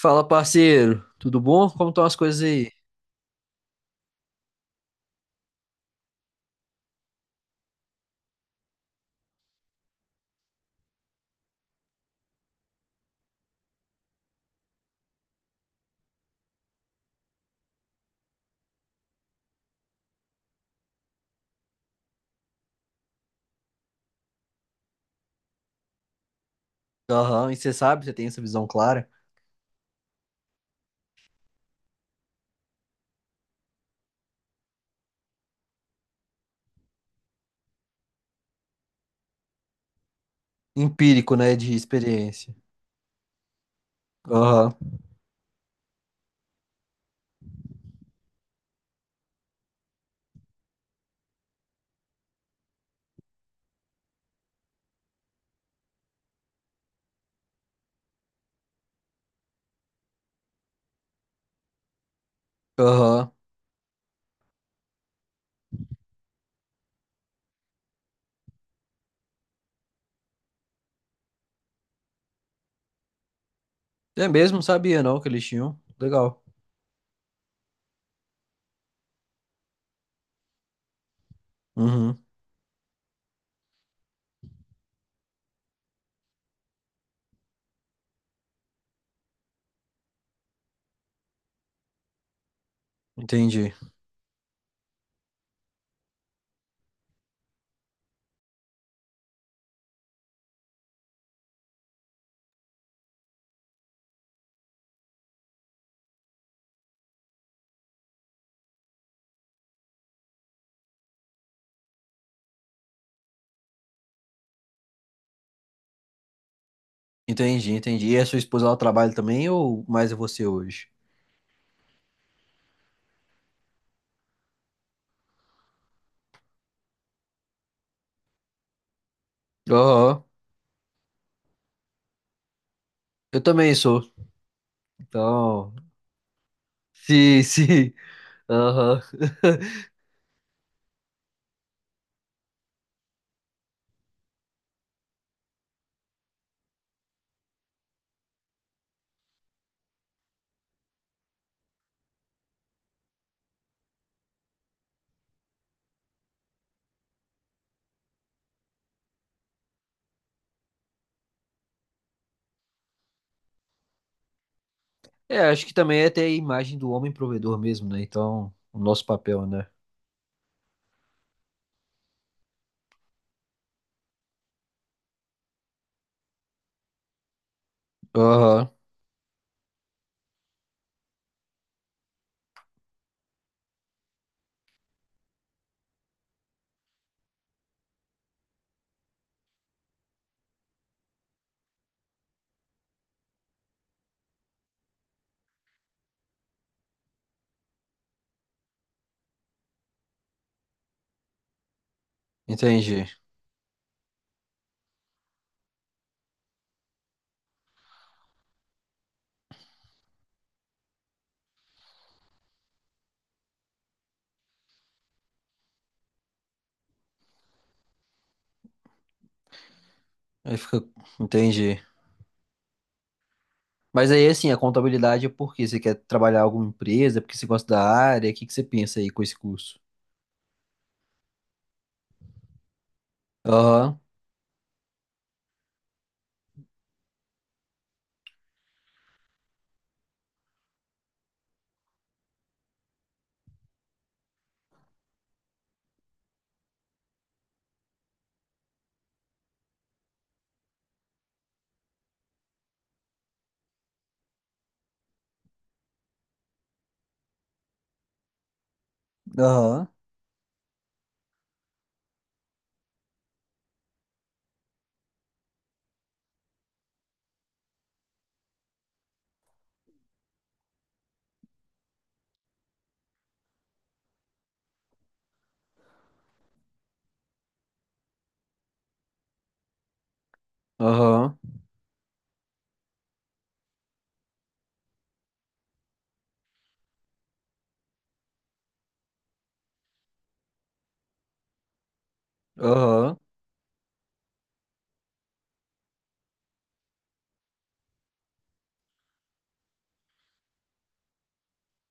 Fala, parceiro. Tudo bom? Como estão as coisas aí? Aham, e você sabe, você tem essa visão clara? Empírico, né, de experiência. Aham, aham. É mesmo, sabia não que eles tinham. Legal. Uhum, entendi. Entendi, entendi. E a sua esposa ela trabalha também ou mais é você hoje? Aham, eu também sou. Então, se, se, aham. É, acho que também é ter a imagem do homem provedor mesmo, né? Então, o nosso papel, né? Aham, entendi. Aí fica, entendi. Mas aí, assim, a contabilidade é porque você quer trabalhar em alguma empresa, porque você gosta da área, o que que você pensa aí com esse curso? Aham, aham, aham, aham.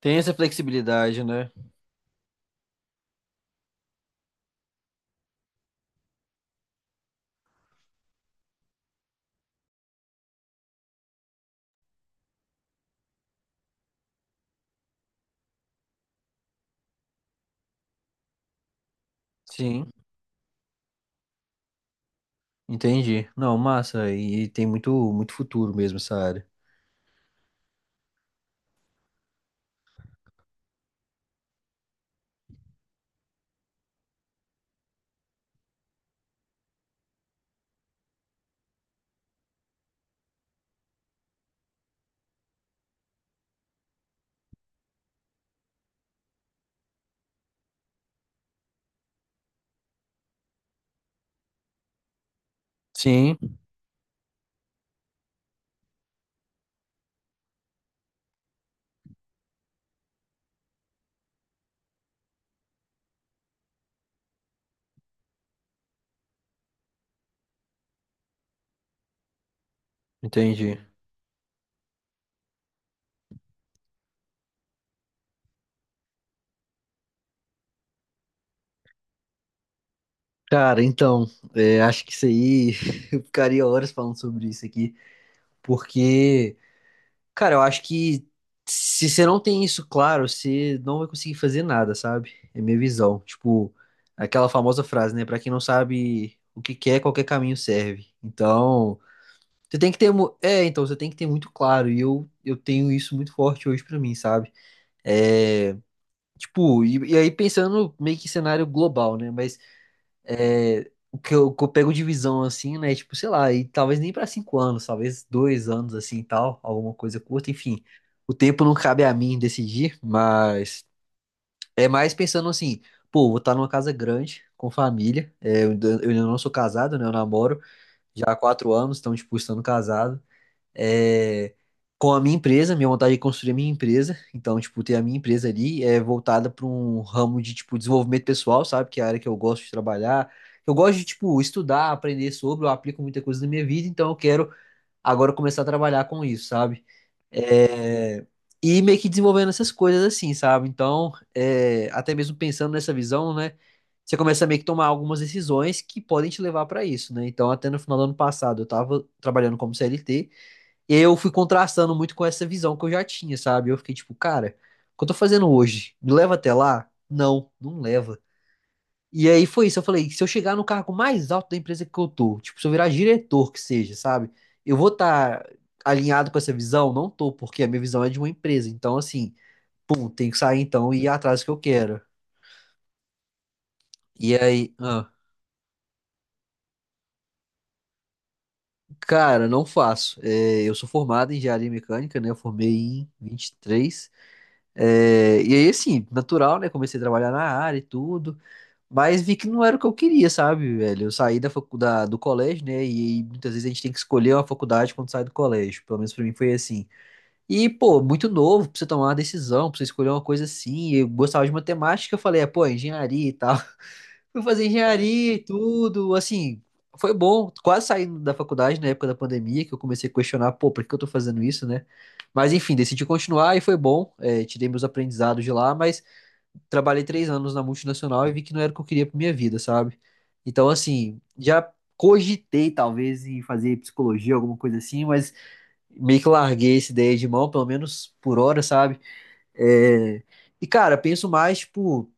Tem essa flexibilidade, né? Sim, entendi. Não, massa, e tem muito, muito futuro mesmo essa área. Sim, entendi. Cara, então, acho que isso aí, eu ficaria horas falando sobre isso aqui, porque... Cara, eu acho que se você não tem isso claro, você não vai conseguir fazer nada, sabe? É minha visão. Tipo, aquela famosa frase, né? Pra quem não sabe o que quer, qualquer caminho serve. Então, você tem que ter. É, então, você tem que ter muito claro. E eu tenho isso muito forte hoje pra mim, sabe? É. Tipo, e aí pensando meio que em cenário global, né? Mas é, o que eu pego de visão, assim, né? Tipo, sei lá, e talvez nem pra 5 anos, talvez 2 anos, assim, e tal, alguma coisa curta, enfim. O tempo não cabe a mim decidir, mas é mais pensando assim, pô, vou estar numa casa grande, com família, é, eu ainda não sou casado, né? Eu namoro já há 4 anos, então, tipo, estando casado é, com a minha empresa, minha vontade é construir a minha empresa. Então, tipo, ter a minha empresa ali é voltada para um ramo de, tipo, desenvolvimento pessoal, sabe? Que é a área que eu gosto de trabalhar. Eu gosto de, tipo, estudar, aprender sobre, eu aplico muita coisa na minha vida, então eu quero agora começar a trabalhar com isso, sabe? É, e meio que desenvolvendo essas coisas assim, sabe? Então, é, até mesmo pensando nessa visão, né? Você começa a meio que tomar algumas decisões que podem te levar para isso, né? Então, até no final do ano passado, eu tava trabalhando como CLT, eu fui contrastando muito com essa visão que eu já tinha, sabe? Eu fiquei tipo, cara, o que eu tô fazendo hoje? Me leva até lá? Não, não leva. E aí foi isso, eu falei, se eu chegar no cargo mais alto da empresa que eu tô, tipo, se eu virar diretor que seja, sabe? Eu vou estar alinhado com essa visão? Não tô, porque a minha visão é de uma empresa. Então, assim, pum, tenho que sair então e ir atrás do que eu quero. E aí, ah, cara, não faço. É, eu sou formado em engenharia mecânica, né? Eu formei em 23. É, e aí, assim, natural, né? Comecei a trabalhar na área e tudo, mas vi que não era o que eu queria, sabe, velho? Eu saí da faculdade, do colégio, né? E, muitas vezes a gente tem que escolher uma faculdade quando sai do colégio. Pelo menos pra mim foi assim. E, pô, muito novo pra você tomar uma decisão, pra você escolher uma coisa assim. Eu gostava de matemática, eu falei, é, pô, engenharia e tal. Fui fazer engenharia e tudo, assim, foi bom, quase saindo da faculdade na época da pandemia, que eu comecei a questionar, pô, por que eu tô fazendo isso, né? Mas enfim, decidi continuar e foi bom, é, tirei meus aprendizados de lá, mas trabalhei 3 anos na multinacional e vi que não era o que eu queria pra minha vida, sabe? Então, assim, já cogitei talvez em fazer psicologia, alguma coisa assim, mas meio que larguei essa ideia de mão, pelo menos por hora, sabe? É, e, cara, penso mais, tipo,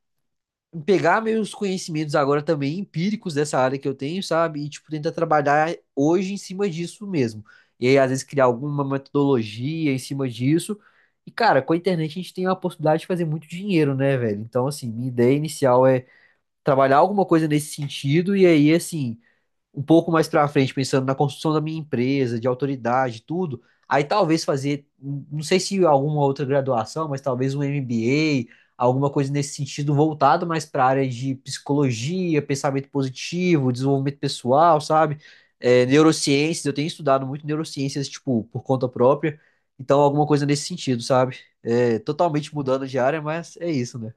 pegar meus conhecimentos agora também empíricos dessa área que eu tenho, sabe? E, tipo, tentar trabalhar hoje em cima disso mesmo. E aí, às vezes, criar alguma metodologia em cima disso. E, cara, com a internet a gente tem a possibilidade de fazer muito dinheiro, né, velho? Então, assim, minha ideia inicial é trabalhar alguma coisa nesse sentido. E aí, assim, um pouco mais pra frente, pensando na construção da minha empresa, de autoridade, tudo, aí talvez fazer, não sei se alguma outra graduação, mas talvez um MBA, alguma coisa nesse sentido voltado mais para a área de psicologia, pensamento positivo, desenvolvimento pessoal, sabe? É, neurociências, eu tenho estudado muito neurociências, tipo, por conta própria, então alguma coisa nesse sentido, sabe? É, totalmente mudando de área, mas é isso, né?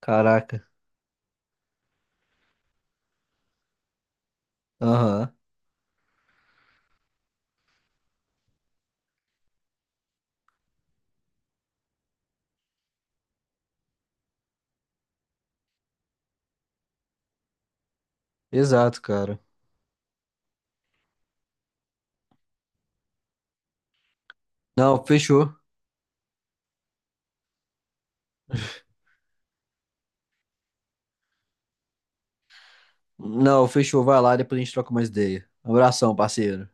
Caraca. Aham. Exato, cara. Não, fechou. Não, fechou. Vai lá, depois a gente troca mais ideia. Abração, parceiro.